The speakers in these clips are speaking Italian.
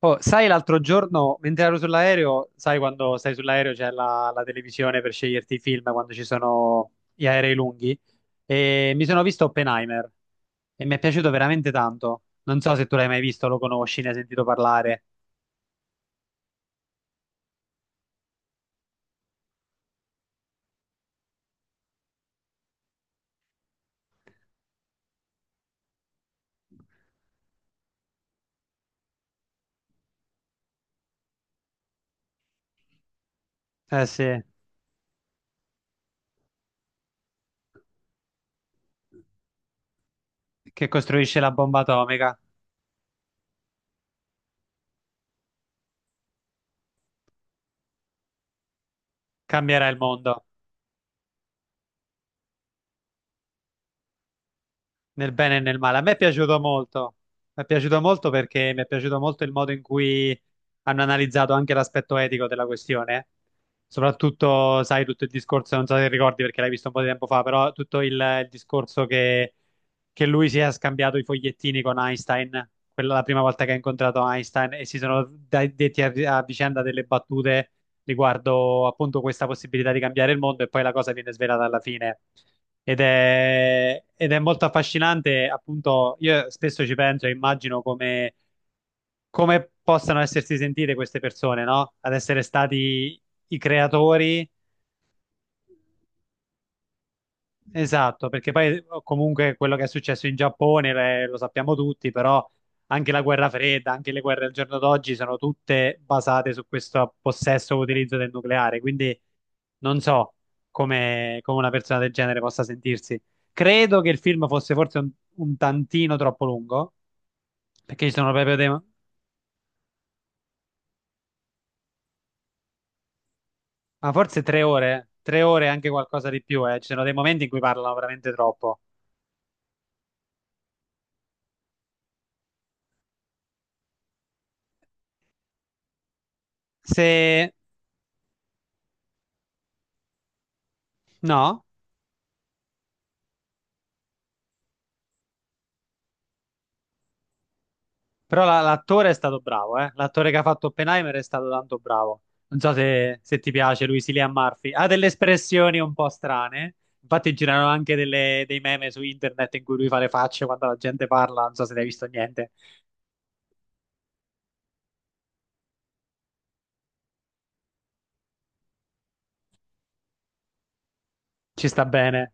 Oh, sai, l'altro giorno, mentre ero sull'aereo, sai quando stai sull'aereo c'è la televisione per sceglierti i film quando ci sono gli aerei lunghi? E mi sono visto Oppenheimer e mi è piaciuto veramente tanto. Non so se tu l'hai mai visto, lo conosci, ne hai sentito parlare. Eh sì, che costruisce la bomba atomica. Cambierà il mondo. Nel bene e nel male. A me è piaciuto molto, mi è piaciuto molto perché mi è piaciuto molto il modo in cui hanno analizzato anche l'aspetto etico della questione. Soprattutto, sai, tutto il discorso, non so se ricordi perché l'hai visto un po' di tempo fa, però tutto il discorso che lui si è scambiato i fogliettini con Einstein, quella la prima volta che ha incontrato Einstein e si sono detti a a vicenda delle battute riguardo appunto questa possibilità di cambiare il mondo, e poi la cosa viene svelata alla fine. Ed è molto affascinante, appunto. Io spesso ci penso e immagino come, come possano essersi sentite queste persone, no? Ad essere stati i creatori. Esatto, perché poi comunque quello che è successo in Giappone, lo sappiamo tutti. Però anche la guerra fredda, anche le guerre al giorno d'oggi sono tutte basate su questo possesso o utilizzo del nucleare, quindi non so come come una persona del genere possa sentirsi. Credo che il film fosse forse un tantino troppo lungo, perché ci sono proprio dei... Ma forse tre ore e anche qualcosa di più, eh. Ci sono dei momenti in cui parlano veramente troppo. Se... no? Però l'attore è stato bravo, eh? L'attore che ha fatto Oppenheimer è stato tanto bravo. Non so se se ti piace lui, sì, Cillian Murphy. Ha delle espressioni un po' strane. Infatti girano anche dei meme su internet in cui lui fa le facce quando la gente parla. Non so se ne hai visto niente. Ci sta bene.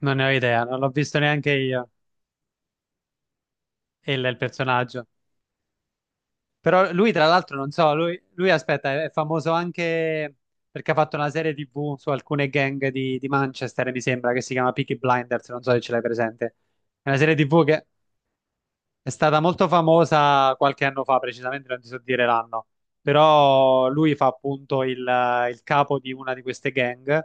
Non ne ho idea, non l'ho visto neanche io. Il personaggio. Però lui, tra l'altro, non so, aspetta, è famoso anche perché ha fatto una serie TV su alcune gang di Manchester, mi sembra, che si chiama Peaky Blinders, non so se ce l'hai presente. È una serie TV che è stata molto famosa qualche anno fa, precisamente non ti so dire l'anno, però lui fa appunto il capo di una di queste gang,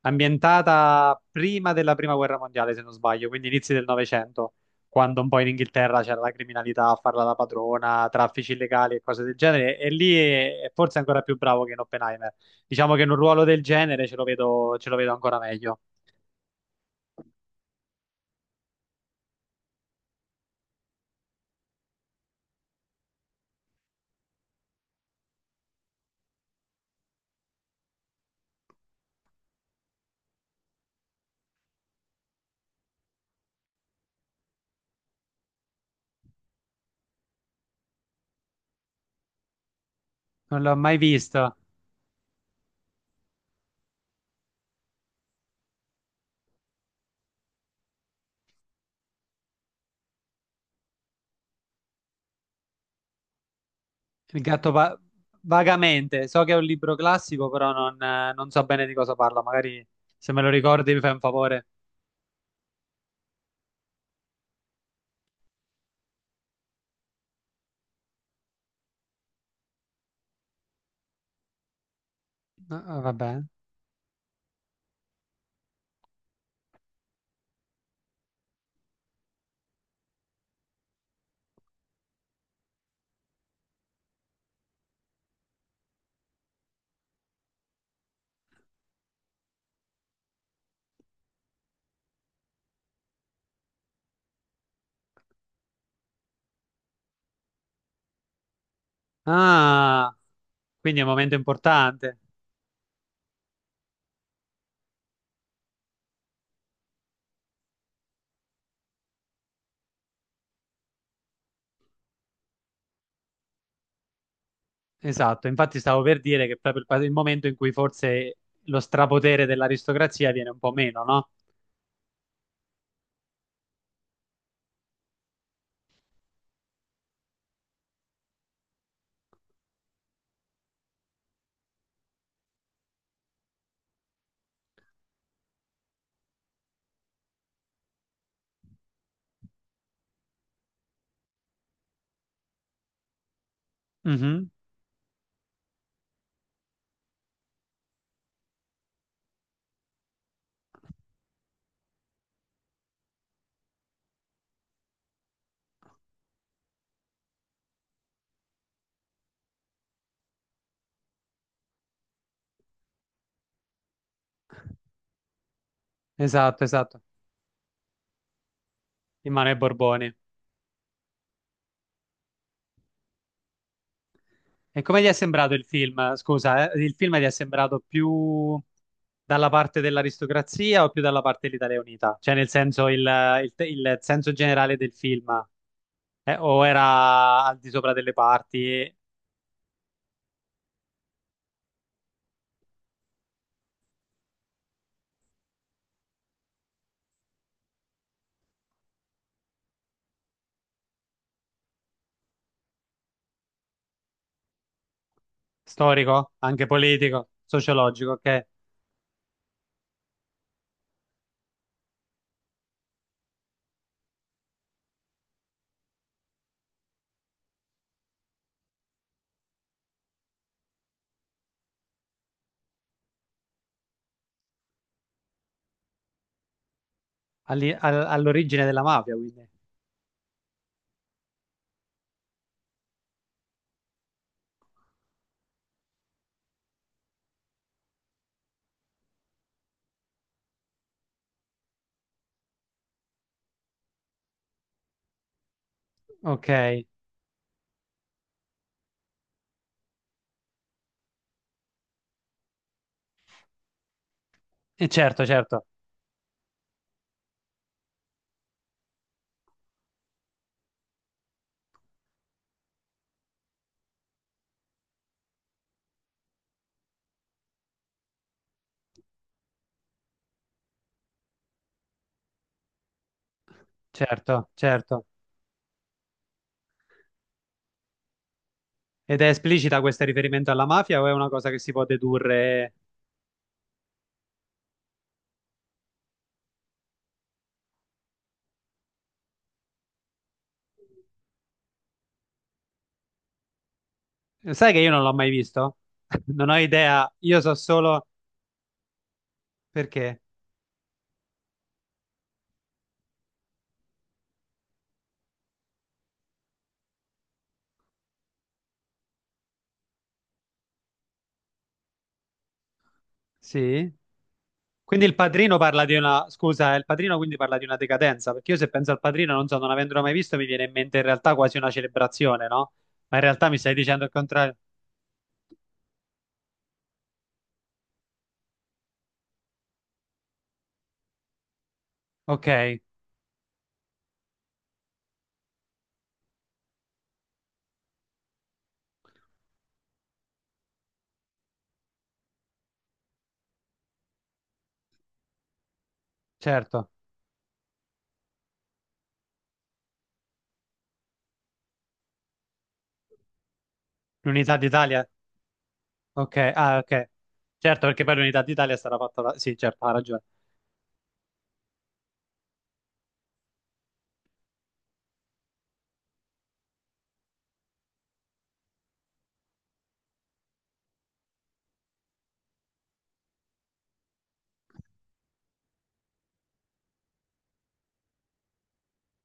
ambientata prima della Prima Guerra Mondiale, se non sbaglio, quindi inizi del Novecento, quando un po' in Inghilterra c'era la criminalità a farla da padrona, traffici illegali e cose del genere, e lì è forse ancora più bravo che in Oppenheimer. Diciamo che in un ruolo del genere ce lo vedo ancora meglio. Non l'ho mai visto. Il gatto va- Vagamente, so che è un libro classico, però non so bene di cosa parla. Magari se me lo ricordi mi fai un favore. Ah, vabbè. Ah, quindi è un momento importante. Esatto, infatti stavo per dire che è proprio il momento in cui forse lo strapotere dell'aristocrazia viene un po' meno, no? Mhm. Esatto, esatto. In mano ai Borboni. E come ti è sembrato il film? Scusa, il film ti è sembrato più dalla parte dell'aristocrazia o più dalla parte dell'Italia Unita? Cioè, nel senso, il il senso generale del film, o era al di sopra delle parti, storico, anche politico, sociologico, ok? All'origine della mafia, quindi. Ok, e certo, certo, certo, certo. Ed è esplicita questo riferimento alla mafia o è una cosa che si può dedurre. Sai che io non l'ho mai visto? Non ho idea, io so solo perché. Sì. Quindi il padrino parla di una... Scusa, il padrino quindi parla di una decadenza, perché io se penso al padrino, non so, non avendolo mai visto, mi viene in mente in realtà quasi una celebrazione, no? Ma in realtà mi stai dicendo il contrario. Ok, certo. L'unità d'Italia. Ok, ah, ok. Certo, perché poi l'unità d'Italia è stata fatta... Sì, certo, ha ragione.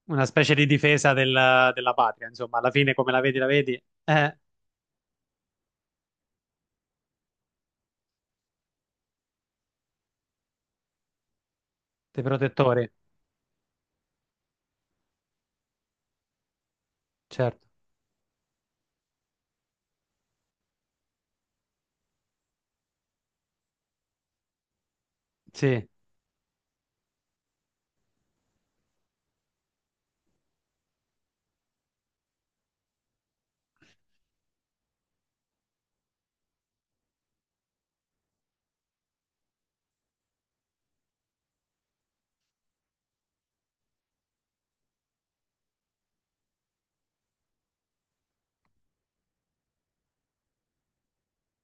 Una specie di difesa della patria, insomma, alla fine come la vedi, la vedi. Dei protettori, certo. Sì.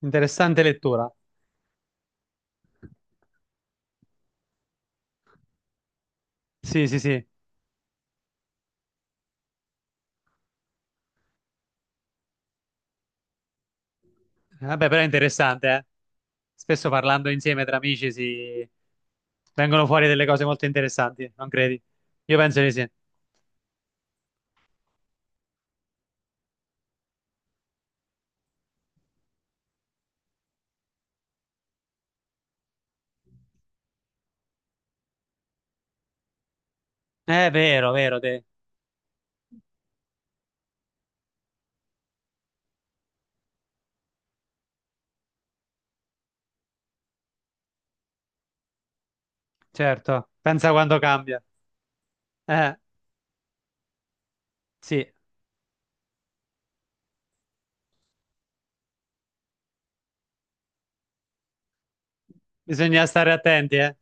Interessante lettura. Sì, sì, sì. Vabbè, però è interessante, eh. Spesso parlando insieme tra amici si vengono fuori delle cose molto interessanti, non credi? Io penso di sì. È vero, vero, te. Certo. Pensa quando cambia. Eh, sì. Bisogna stare attenti, eh.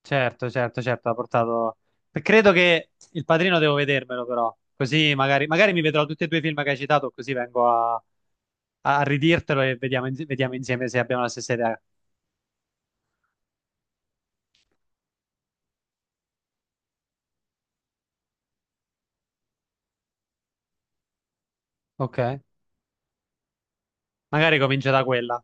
Certo, certo, certo, ha portato... Credo che Il Padrino devo vedermelo, però. Così magari, magari mi vedrò tutti e due i film che hai citato, così vengo a a ridirtelo e vediamo, vediamo insieme se abbiamo la stessa idea. Ok. Magari comincia da quella.